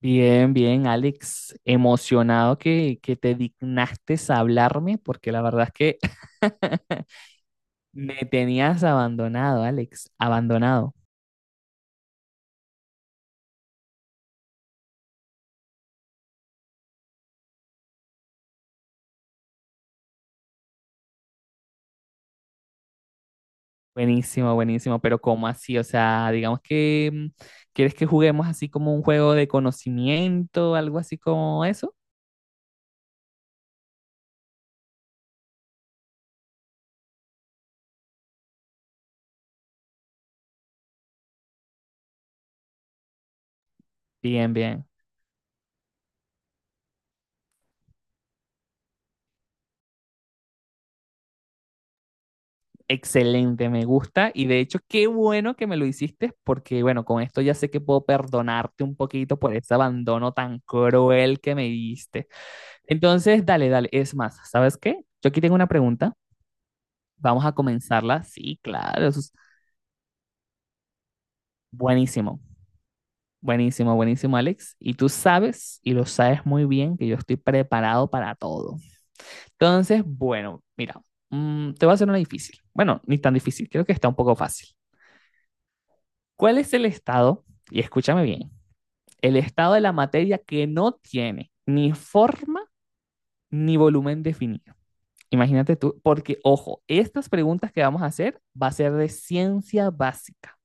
Bien, bien, Alex, emocionado que te dignaste a hablarme, porque la verdad es que me tenías abandonado, Alex, abandonado. Buenísimo, buenísimo, pero ¿cómo así? O sea, digamos que ¿quieres que juguemos así como un juego de conocimiento, algo así como eso? Bien, bien, excelente, me gusta y de hecho qué bueno que me lo hiciste porque bueno, con esto ya sé que puedo perdonarte un poquito por ese abandono tan cruel que me diste. Entonces, dale, dale. Es más, ¿sabes qué? Yo aquí tengo una pregunta. Vamos a comenzarla. Sí, claro. Eso es buenísimo. Buenísimo, buenísimo, Alex. Y tú sabes, y lo sabes muy bien, que yo estoy preparado para todo. Entonces, bueno, mira, te voy a hacer una difícil. Bueno, ni tan difícil, creo que está un poco fácil. ¿Cuál es el estado, y escúchame bien, el estado de la materia que no tiene ni forma ni volumen definido? Imagínate tú, porque ojo, estas preguntas que vamos a hacer va a ser de ciencia básica.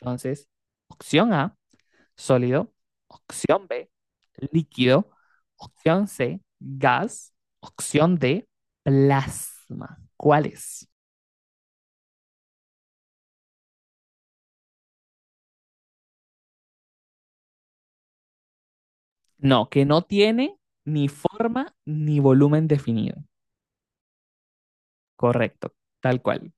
Entonces, opción A, sólido, opción B, líquido, opción C, gas, opción D, plasma. ¿Cuál es? No, que no tiene ni forma ni volumen definido. Correcto, tal cual.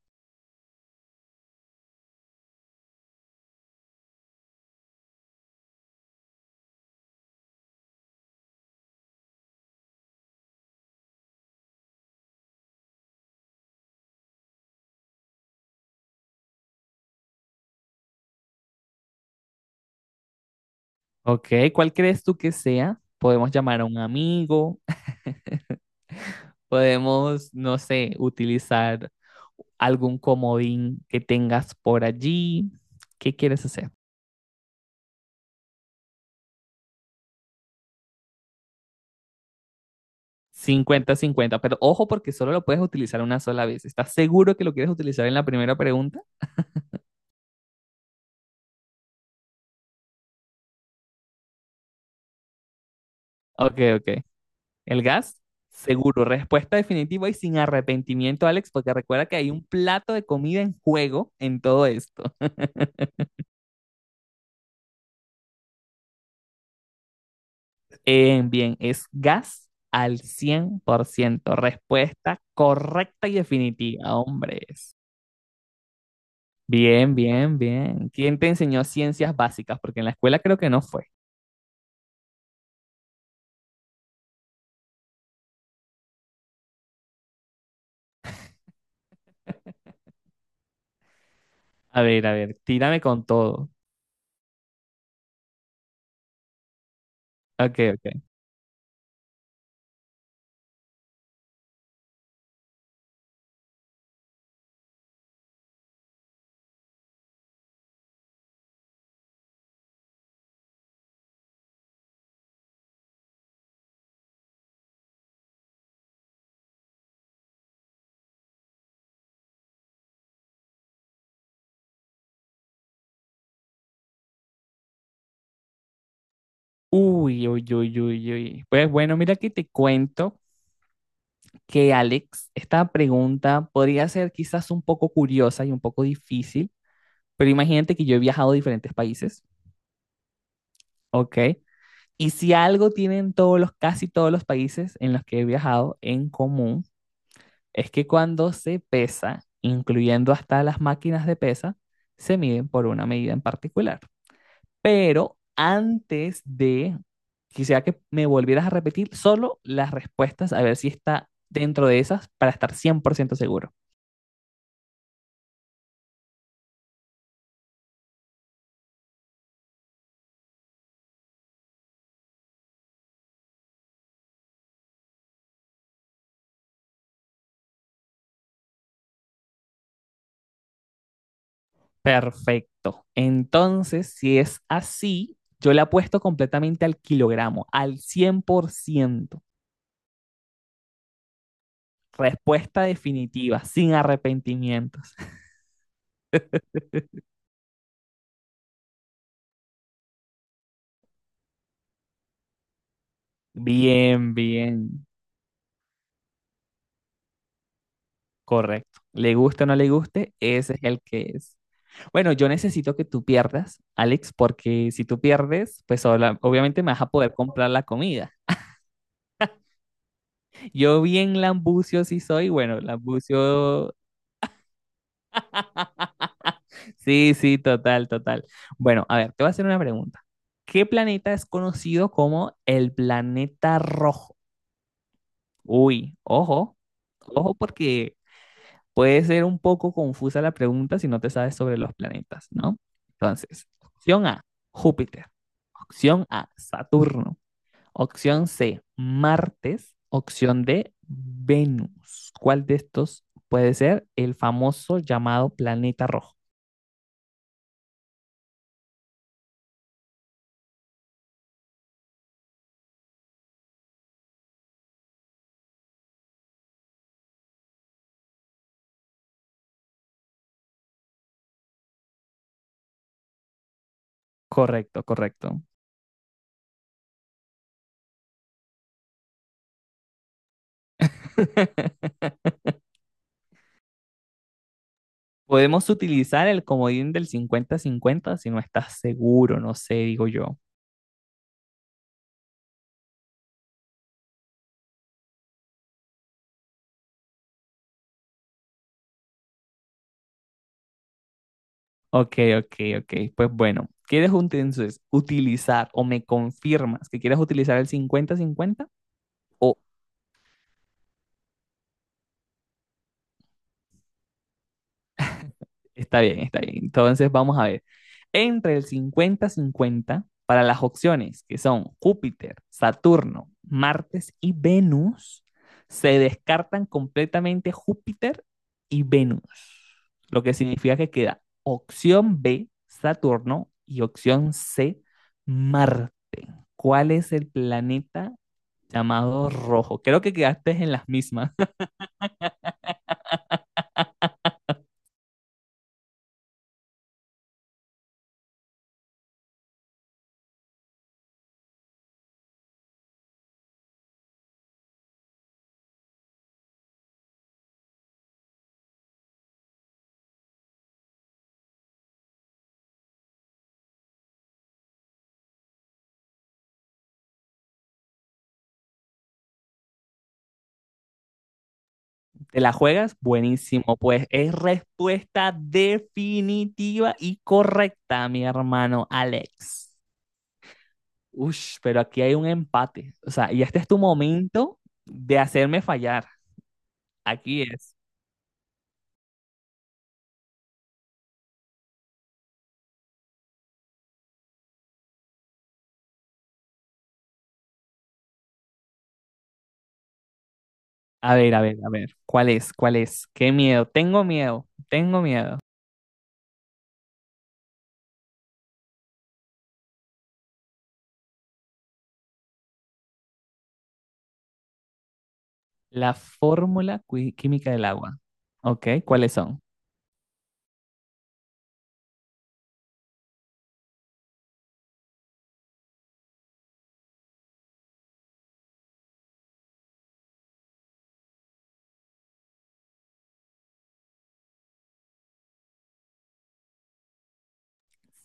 Ok, ¿cuál crees tú que sea? Podemos llamar a un amigo. Podemos, no sé, utilizar algún comodín que tengas por allí. ¿Qué quieres hacer? Cincuenta cincuenta, pero ojo porque solo lo puedes utilizar una sola vez. ¿Estás seguro que lo quieres utilizar en la primera pregunta? Ok, ok. ¿El gas? Seguro. Respuesta definitiva y sin arrepentimiento, Alex, porque recuerda que hay un plato de comida en juego en todo esto. Bien, es gas al cien por ciento. Respuesta correcta y definitiva, hombres. Bien, bien, bien. ¿Quién te enseñó ciencias básicas? Porque en la escuela creo que no fue. A ver, tírame con todo. Ok, ok. Uy, uy, uy, uy, uy. Pues bueno, mira que te cuento que Alex, esta pregunta podría ser quizás un poco curiosa y un poco difícil, pero imagínate que yo he viajado a diferentes países, ¿ok? Y si algo tienen todos los, casi todos los países en los que he viajado en común, es que cuando se pesa, incluyendo hasta las máquinas de pesa, se miden por una medida en particular. Pero antes de, quisiera que me volvieras a repetir solo las respuestas, a ver si está dentro de esas para estar cien por ciento seguro. Perfecto. Entonces, si es así, yo le apuesto completamente al kilogramo, al cien por ciento. Respuesta definitiva, sin arrepentimientos. Bien, bien. Correcto. Le guste o no le guste, ese es el que es. Bueno, yo necesito que tú pierdas, Alex, porque si tú pierdes, pues obviamente me vas a poder comprar la comida. Yo bien lambucio sí soy, bueno, lambucio, sí, sí, total, total. Bueno, a ver, te voy a hacer una pregunta. ¿Qué planeta es conocido como el planeta rojo? Uy, ojo, ojo porque puede ser un poco confusa la pregunta si no te sabes sobre los planetas, ¿no? Entonces, opción A, Júpiter. Opción A, Saturno. Opción C, Martes. Opción D, Venus. ¿Cuál de estos puede ser el famoso llamado planeta rojo? Correcto, correcto. Podemos utilizar el comodín del cincuenta-cincuenta si no estás seguro, no sé, digo yo. Ok, ok, ok. Pues bueno, entonces ¿utilizar o me confirmas que quieres utilizar el 50-50? O está bien, está bien. Entonces vamos a ver. Entre el 50-50 para las opciones que son Júpiter, Saturno, Martes y Venus, se descartan completamente Júpiter y Venus, lo que significa que queda opción B, Saturno, y opción C, Marte. ¿Cuál es el planeta llamado Rojo? Creo que quedaste en las mismas. ¿Te la juegas? Buenísimo. Pues es respuesta definitiva y correcta, mi hermano Alex. Ush, pero aquí hay un empate. O sea, y este es tu momento de hacerme fallar. Aquí es. A ver, a ver, a ver. ¿Cuál es? ¿Cuál es? Qué miedo. Tengo miedo. Tengo miedo. La fórmula química del agua. Ok, ¿cuáles son?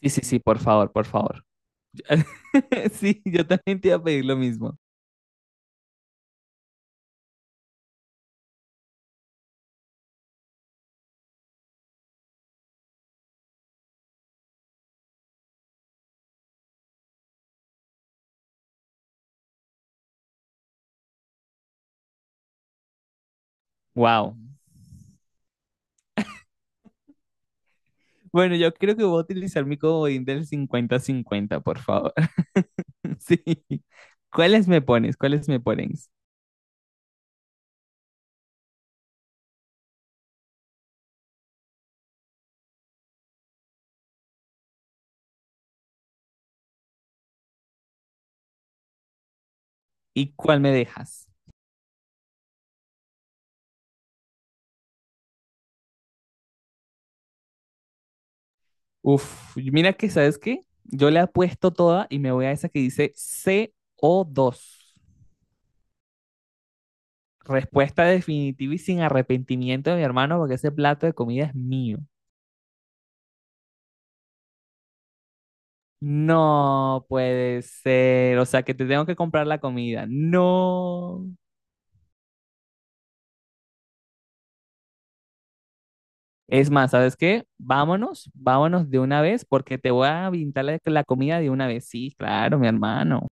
Sí, sí, sí, por favor, por favor. Sí, yo también te iba a pedir lo mismo. Wow. Bueno, yo creo que voy a utilizar mi comodín del 50-50, por favor. Sí. ¿Cuáles me pones? ¿Cuáles me pones? ¿Y cuál me dejas? Uf, mira que, ¿sabes qué? Yo le apuesto toda y me voy a esa que dice CO2. Respuesta definitiva y sin arrepentimiento de mi hermano, porque ese plato de comida es mío. No puede ser. O sea, que te tengo que comprar la comida. No. Es más, ¿sabes qué? Vámonos, vámonos de una vez porque te voy a pintar la comida de una vez. Sí, claro, mi hermano.